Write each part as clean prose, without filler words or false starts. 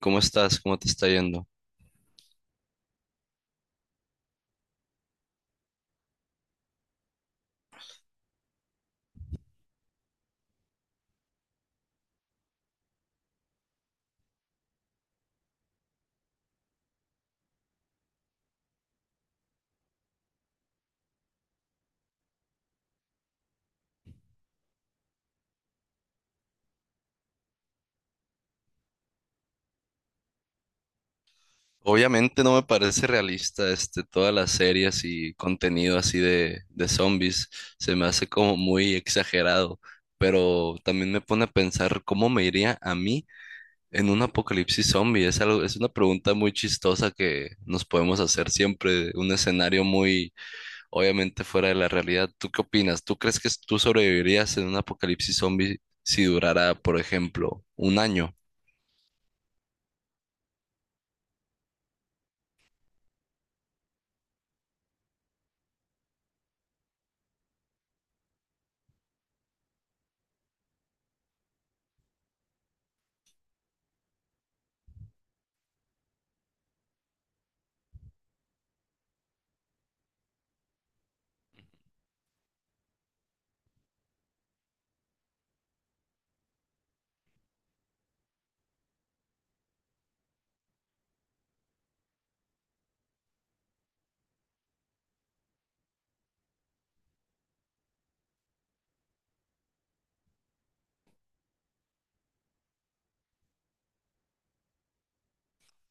¿Cómo estás? ¿Cómo te está yendo? Obviamente no me parece realista este, todas las series y contenido así de zombies. Se me hace como muy exagerado, pero también me pone a pensar cómo me iría a mí en un apocalipsis zombie. Es algo, es una pregunta muy chistosa que nos podemos hacer siempre, un escenario muy obviamente fuera de la realidad. ¿Tú qué opinas? ¿Tú crees que tú sobrevivirías en un apocalipsis zombie si durara, por ejemplo, un año?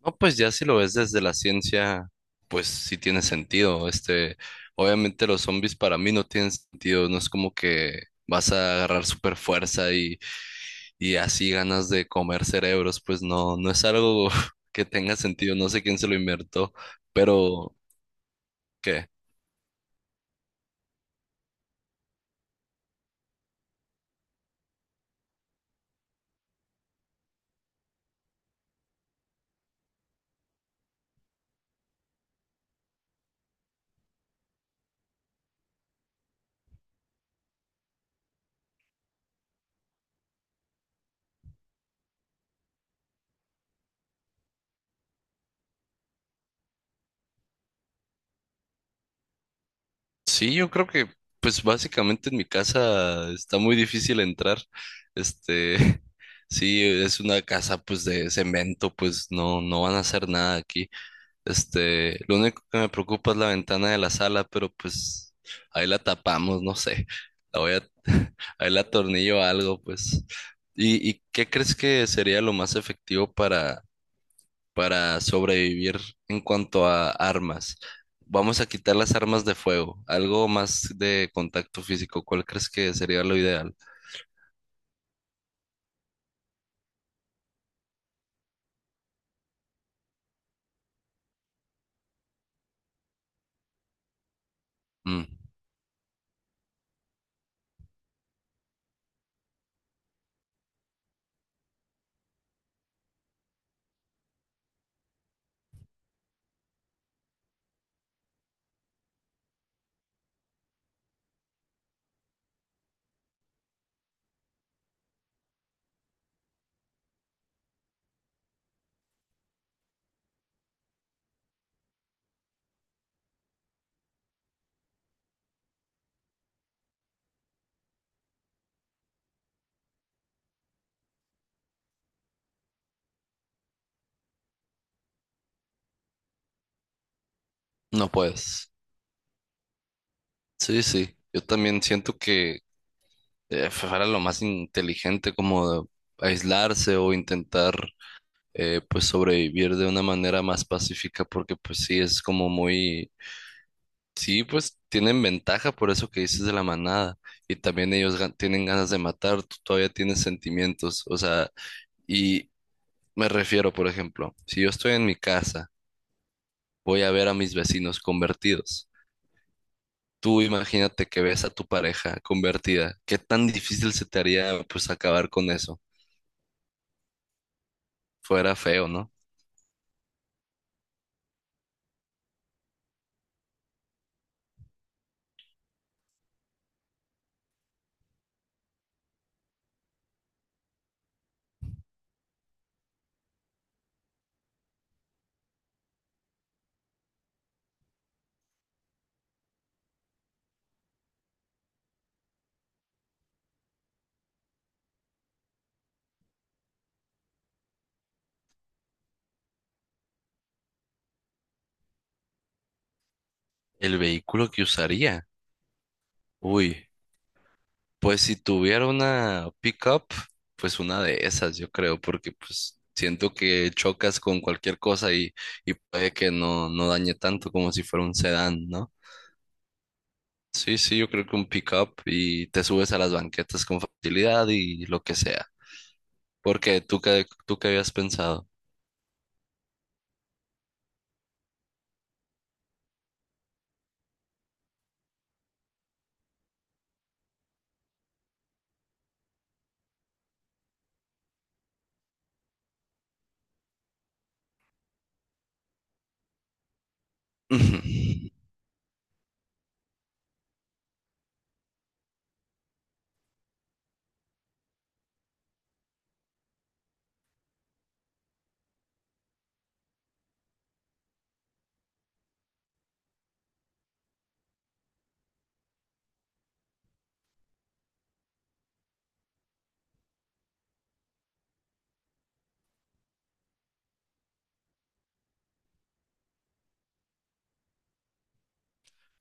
No, pues ya si lo ves desde la ciencia, pues sí tiene sentido. Este, obviamente los zombies para mí no tienen sentido. No es como que vas a agarrar super fuerza y así ganas de comer cerebros. Pues no, no es algo que tenga sentido. No sé quién se lo inventó, pero ¿qué? Sí, yo creo que, pues básicamente en mi casa está muy difícil entrar. Este, sí, es una casa pues de cemento, pues no, no van a hacer nada aquí. Este, lo único que me preocupa es la ventana de la sala, pero pues ahí la tapamos, no sé. La voy a, ahí la atornillo a algo, pues. Y qué crees que sería lo más efectivo para sobrevivir en cuanto a armas? Vamos a quitar las armas de fuego, algo más de contacto físico. ¿Cuál crees que sería lo ideal? Mm, no puedes. Sí, sí. Yo también siento que fuera lo más inteligente como de aislarse o intentar pues sobrevivir de una manera más pacífica porque pues sí es como muy, sí, pues tienen ventaja por eso que dices de la manada y también ellos tienen ganas de matar, tú todavía tienes sentimientos, o sea, y me refiero, por ejemplo, si yo estoy en mi casa voy a ver a mis vecinos convertidos. Tú imagínate que ves a tu pareja convertida. ¿Qué tan difícil se te haría pues acabar con eso? Fuera feo, ¿no? El vehículo que usaría. Uy, pues si tuviera una pickup, pues una de esas, yo creo, porque pues siento que chocas con cualquier cosa y puede que no, no dañe tanto como si fuera un sedán, ¿no? Sí, sí, yo creo que un pickup y te subes a las banquetas con facilidad y lo que sea. Porque tú qué habías pensado.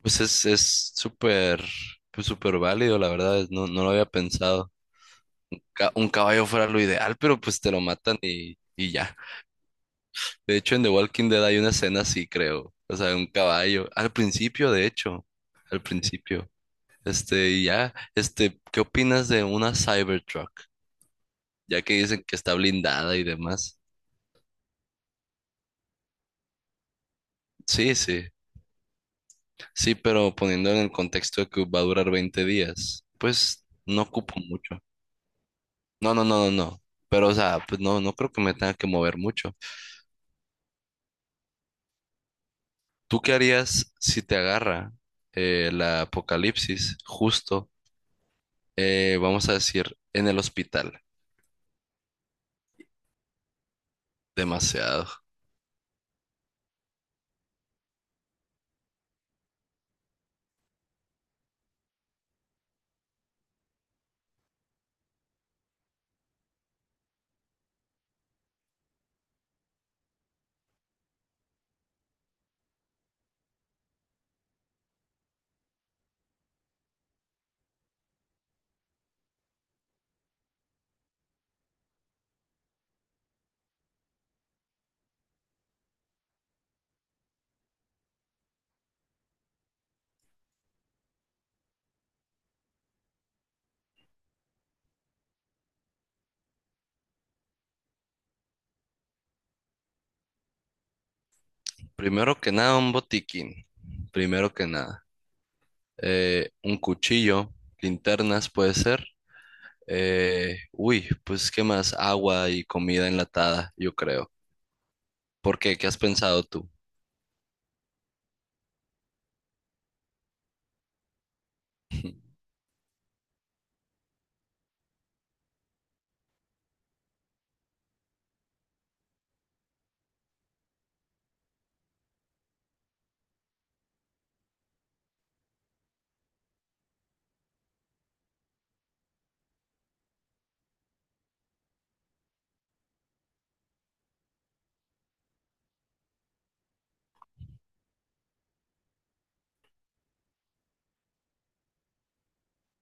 Pues es súper, pues súper válido, la verdad, no, no lo había pensado. Un caballo fuera lo ideal, pero pues te lo matan y ya. De hecho, en The Walking Dead hay una escena así, creo. O sea, un caballo. Al principio, de hecho. Al principio. Este, y ya. Este, ¿qué opinas de una Cybertruck? Ya que dicen que está blindada y demás. Sí, sí. Sí, pero poniendo en el contexto de que va a durar 20 días, pues no ocupo mucho. No, no, no, no, no. Pero, o sea, pues no, no creo que me tenga que mover mucho. ¿Tú qué harías si te agarra la apocalipsis justo, vamos a decir, en el hospital? Demasiado. Primero que nada, un botiquín. Primero que nada. Un cuchillo, linternas puede ser. Uy, pues ¿qué más? Agua y comida enlatada, yo creo. ¿Por qué? ¿Qué has pensado tú?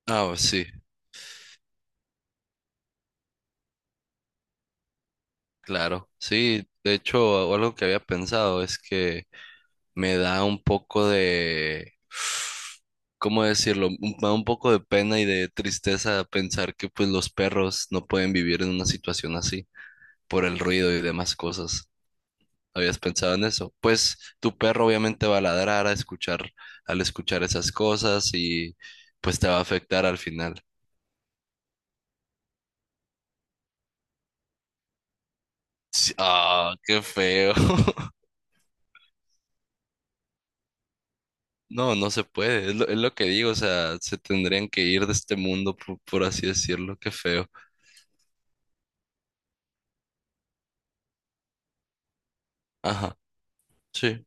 Ah, pues sí, claro. Sí, de hecho, algo que había pensado es que me da un poco de, ¿cómo decirlo? Me da un poco de pena y de tristeza pensar que pues los perros no pueden vivir en una situación así por el ruido y demás cosas. ¿Habías pensado en eso? Pues tu perro obviamente va a ladrar a escuchar, al escuchar esas cosas y pues te va a afectar al final. Sí, ah, qué feo. No, no se puede, es lo que digo, o sea, se tendrían que ir de este mundo, por así decirlo, qué feo. Ajá, sí.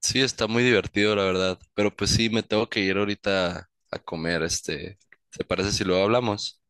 Sí, está muy divertido, la verdad. Pero pues sí, me tengo que ir ahorita a comer, este. ¿Te parece si luego hablamos?